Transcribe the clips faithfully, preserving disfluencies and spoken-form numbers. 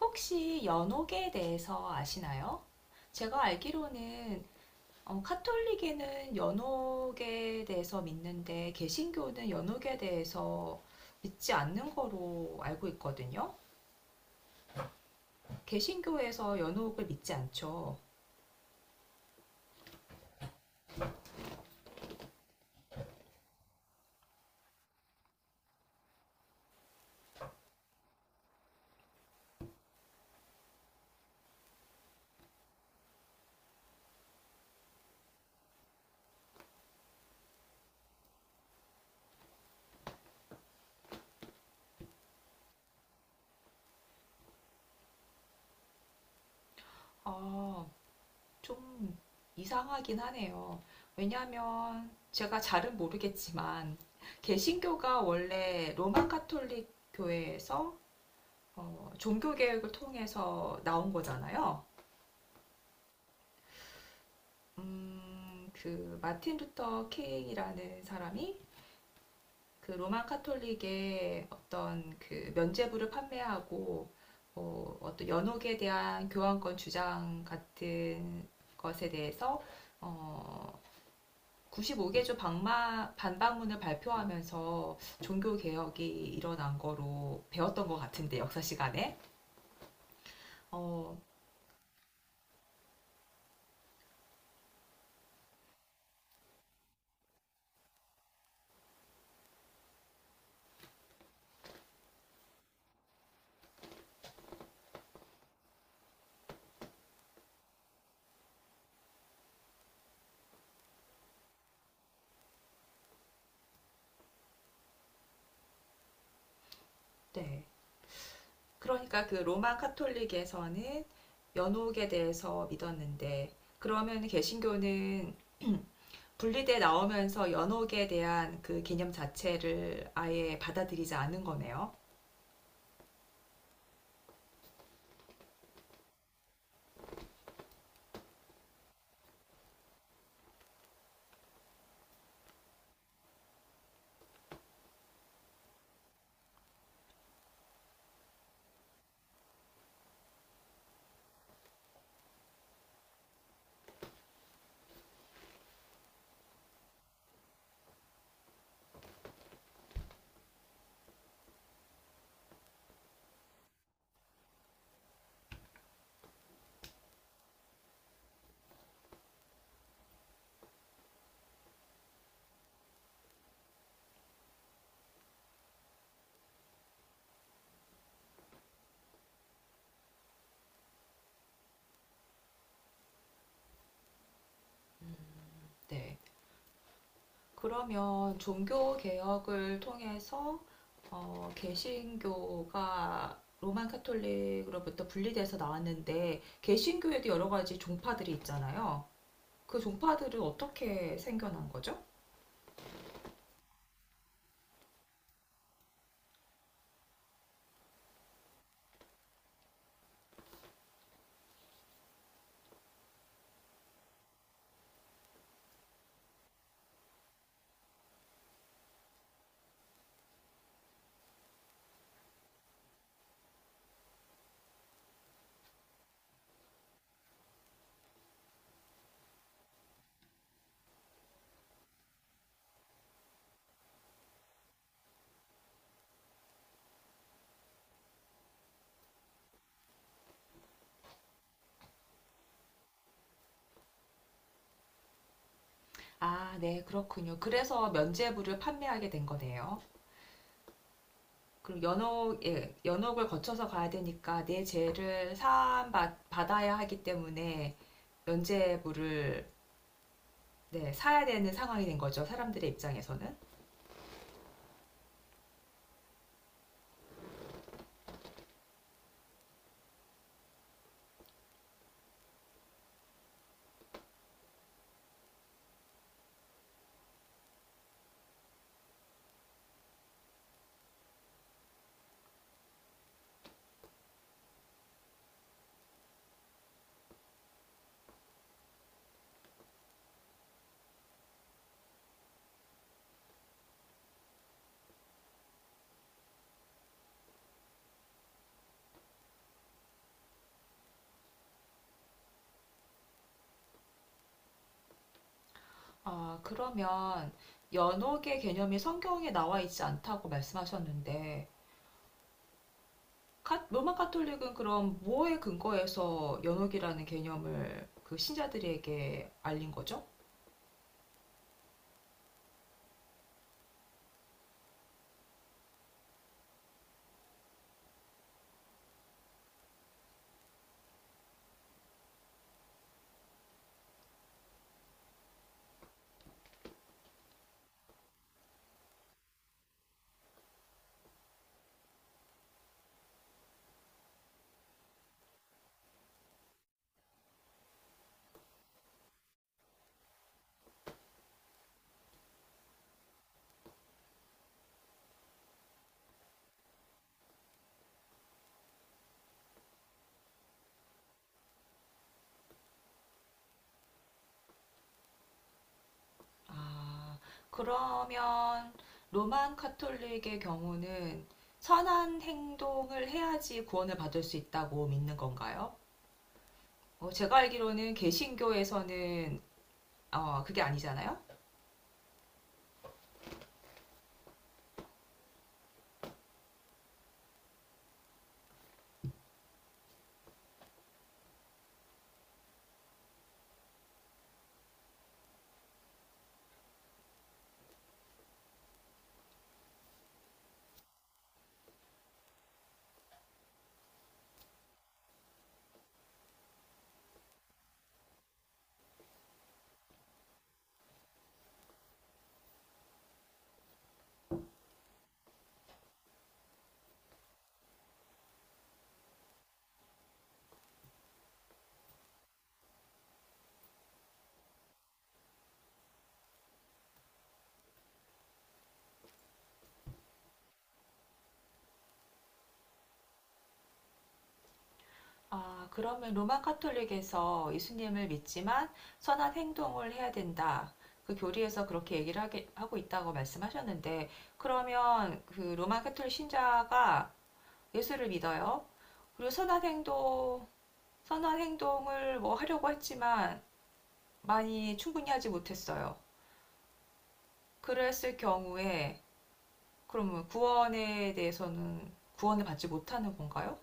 혹시 연옥에 대해서 아시나요? 제가 알기로는 어, 카톨릭에는 연옥에 대해서 믿는데 개신교는 연옥에 대해서 믿지 않는 거로 알고 있거든요. 개신교에서 연옥을 믿지 않죠. 아, 좀 이상하긴 하네요. 왜냐하면 제가 잘은 모르겠지만 개신교가 원래 로마 카톨릭 교회에서 어, 종교개혁을 통해서 나온 거잖아요. 음, 그 마틴 루터 킹이라는 사람이 그 로마 카톨릭의 어떤 그 면죄부를 판매하고 어, 어떤 연옥에 대한 교환권 주장 같은 것에 대해서 어, 구십오 개 조 방마, 반박문을 발표하면서 종교 개혁이 일어난 거로 배웠던 것 같은데 역사 시간에. 어, 네. 그러니까 그 로마 카톨릭에서는 연옥에 대해서 믿었는데 그러면 개신교는 분리돼 나오면서 연옥에 대한 그 개념 자체를 아예 받아들이지 않은 거네요. 네. 그러면 종교 개혁을 통해서 어, 개신교가 로마 카톨릭으로부터 분리돼서 나왔는데 개신교에도 여러 가지 종파들이 있잖아요. 그 종파들은 어떻게 생겨난 거죠? 아, 네, 그렇군요. 그래서 면죄부를 판매하게 된 거네요. 그럼 연옥, 예, 연옥을 거쳐서 가야 되니까 내 죄를 사함받아야 하기 때문에 면죄부를, 네, 사야 되는 상황이 된 거죠. 사람들의 입장에서는. 아, 그러면 연옥의 개념이 성경에 나와 있지 않다고 말씀하셨는데, 카- 로마 카톨릭은 그럼 뭐에 근거해서 연옥이라는 개념을 그 신자들에게 알린 거죠? 아, 그러면 로만 카톨릭의 경우는 선한 행동을 해야지 구원을 받을 수 있다고 믿는 건가요? 어, 제가 알기로는 개신교에서는 어, 그게 아니잖아요? 아, 그러면 로만 카톨릭에서 예수님을 믿지만 선한 행동을 해야 된다. 그 교리에서 그렇게 얘기를 하게, 하고 있다고 말씀하셨는데, 그러면 그 로만 카톨릭 신자가 예수를 믿어요? 그리고 선한 행동, 선한 행동을 뭐 하려고 했지만 많이 충분히 하지 못했어요. 그랬을 경우에 그러면 구원에 대해서는 구원을 받지 못하는 건가요?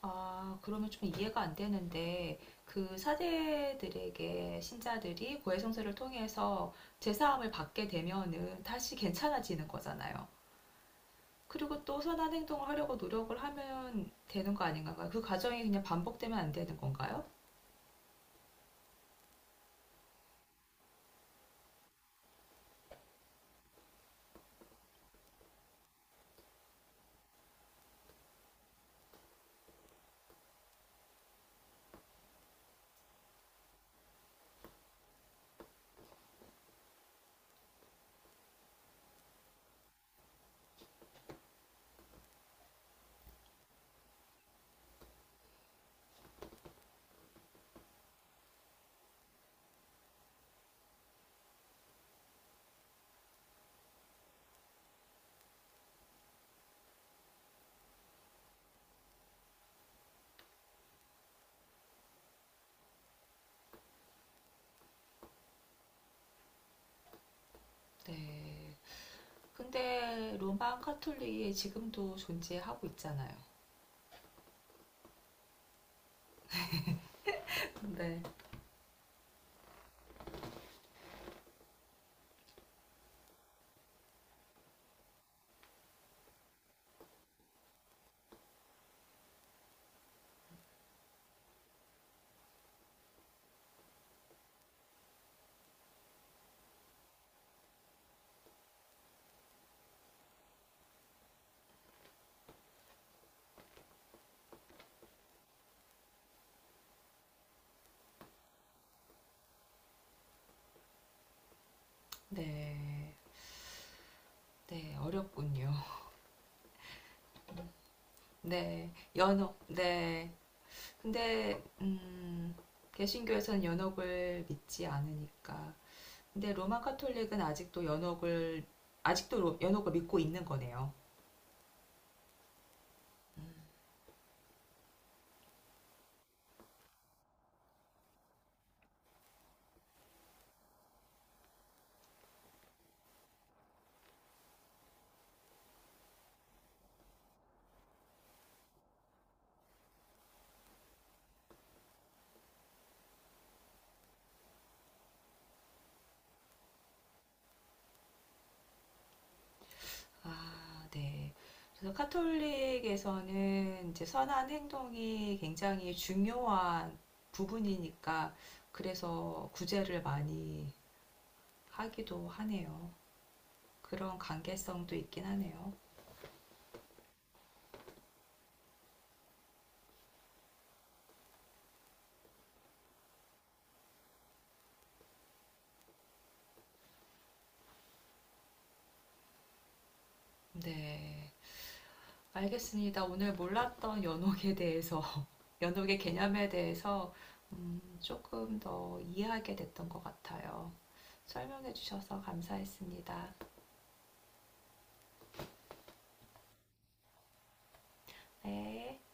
아, 그러면 좀 이해가 안 되는데 그 사제들에게 신자들이 고해 성사를 통해서 제사함을 받게 되면은 다시 괜찮아지는 거잖아요. 그리고 또 선한 행동을 하려고 노력을 하면 되는 거 아닌가요? 그 과정이 그냥 반복되면 안 되는 건가요? 네. 근데 로마 카톨릭이 지금도 존재하고 있잖아요. 네. 네, 네, 어렵군요. 네, 연옥, 네. 근데, 음, 개신교에서는 연옥을 믿지 않으니까. 근데 로마 카톨릭은 아직도 연옥을, 아직도 로- 연옥을 믿고 있는 거네요. 아, 네. 그래서 카톨릭에서는 이제 선한 행동이 굉장히 중요한 부분이니까 그래서 구제를 많이 하기도 하네요. 그런 관계성도 있긴 하네요. 네. 알겠습니다. 오늘 몰랐던 연옥에 대해서, 연옥의 개념에 대해서 음, 조금 더 이해하게 됐던 것 같아요. 설명해 주셔서 감사했습니다. 네.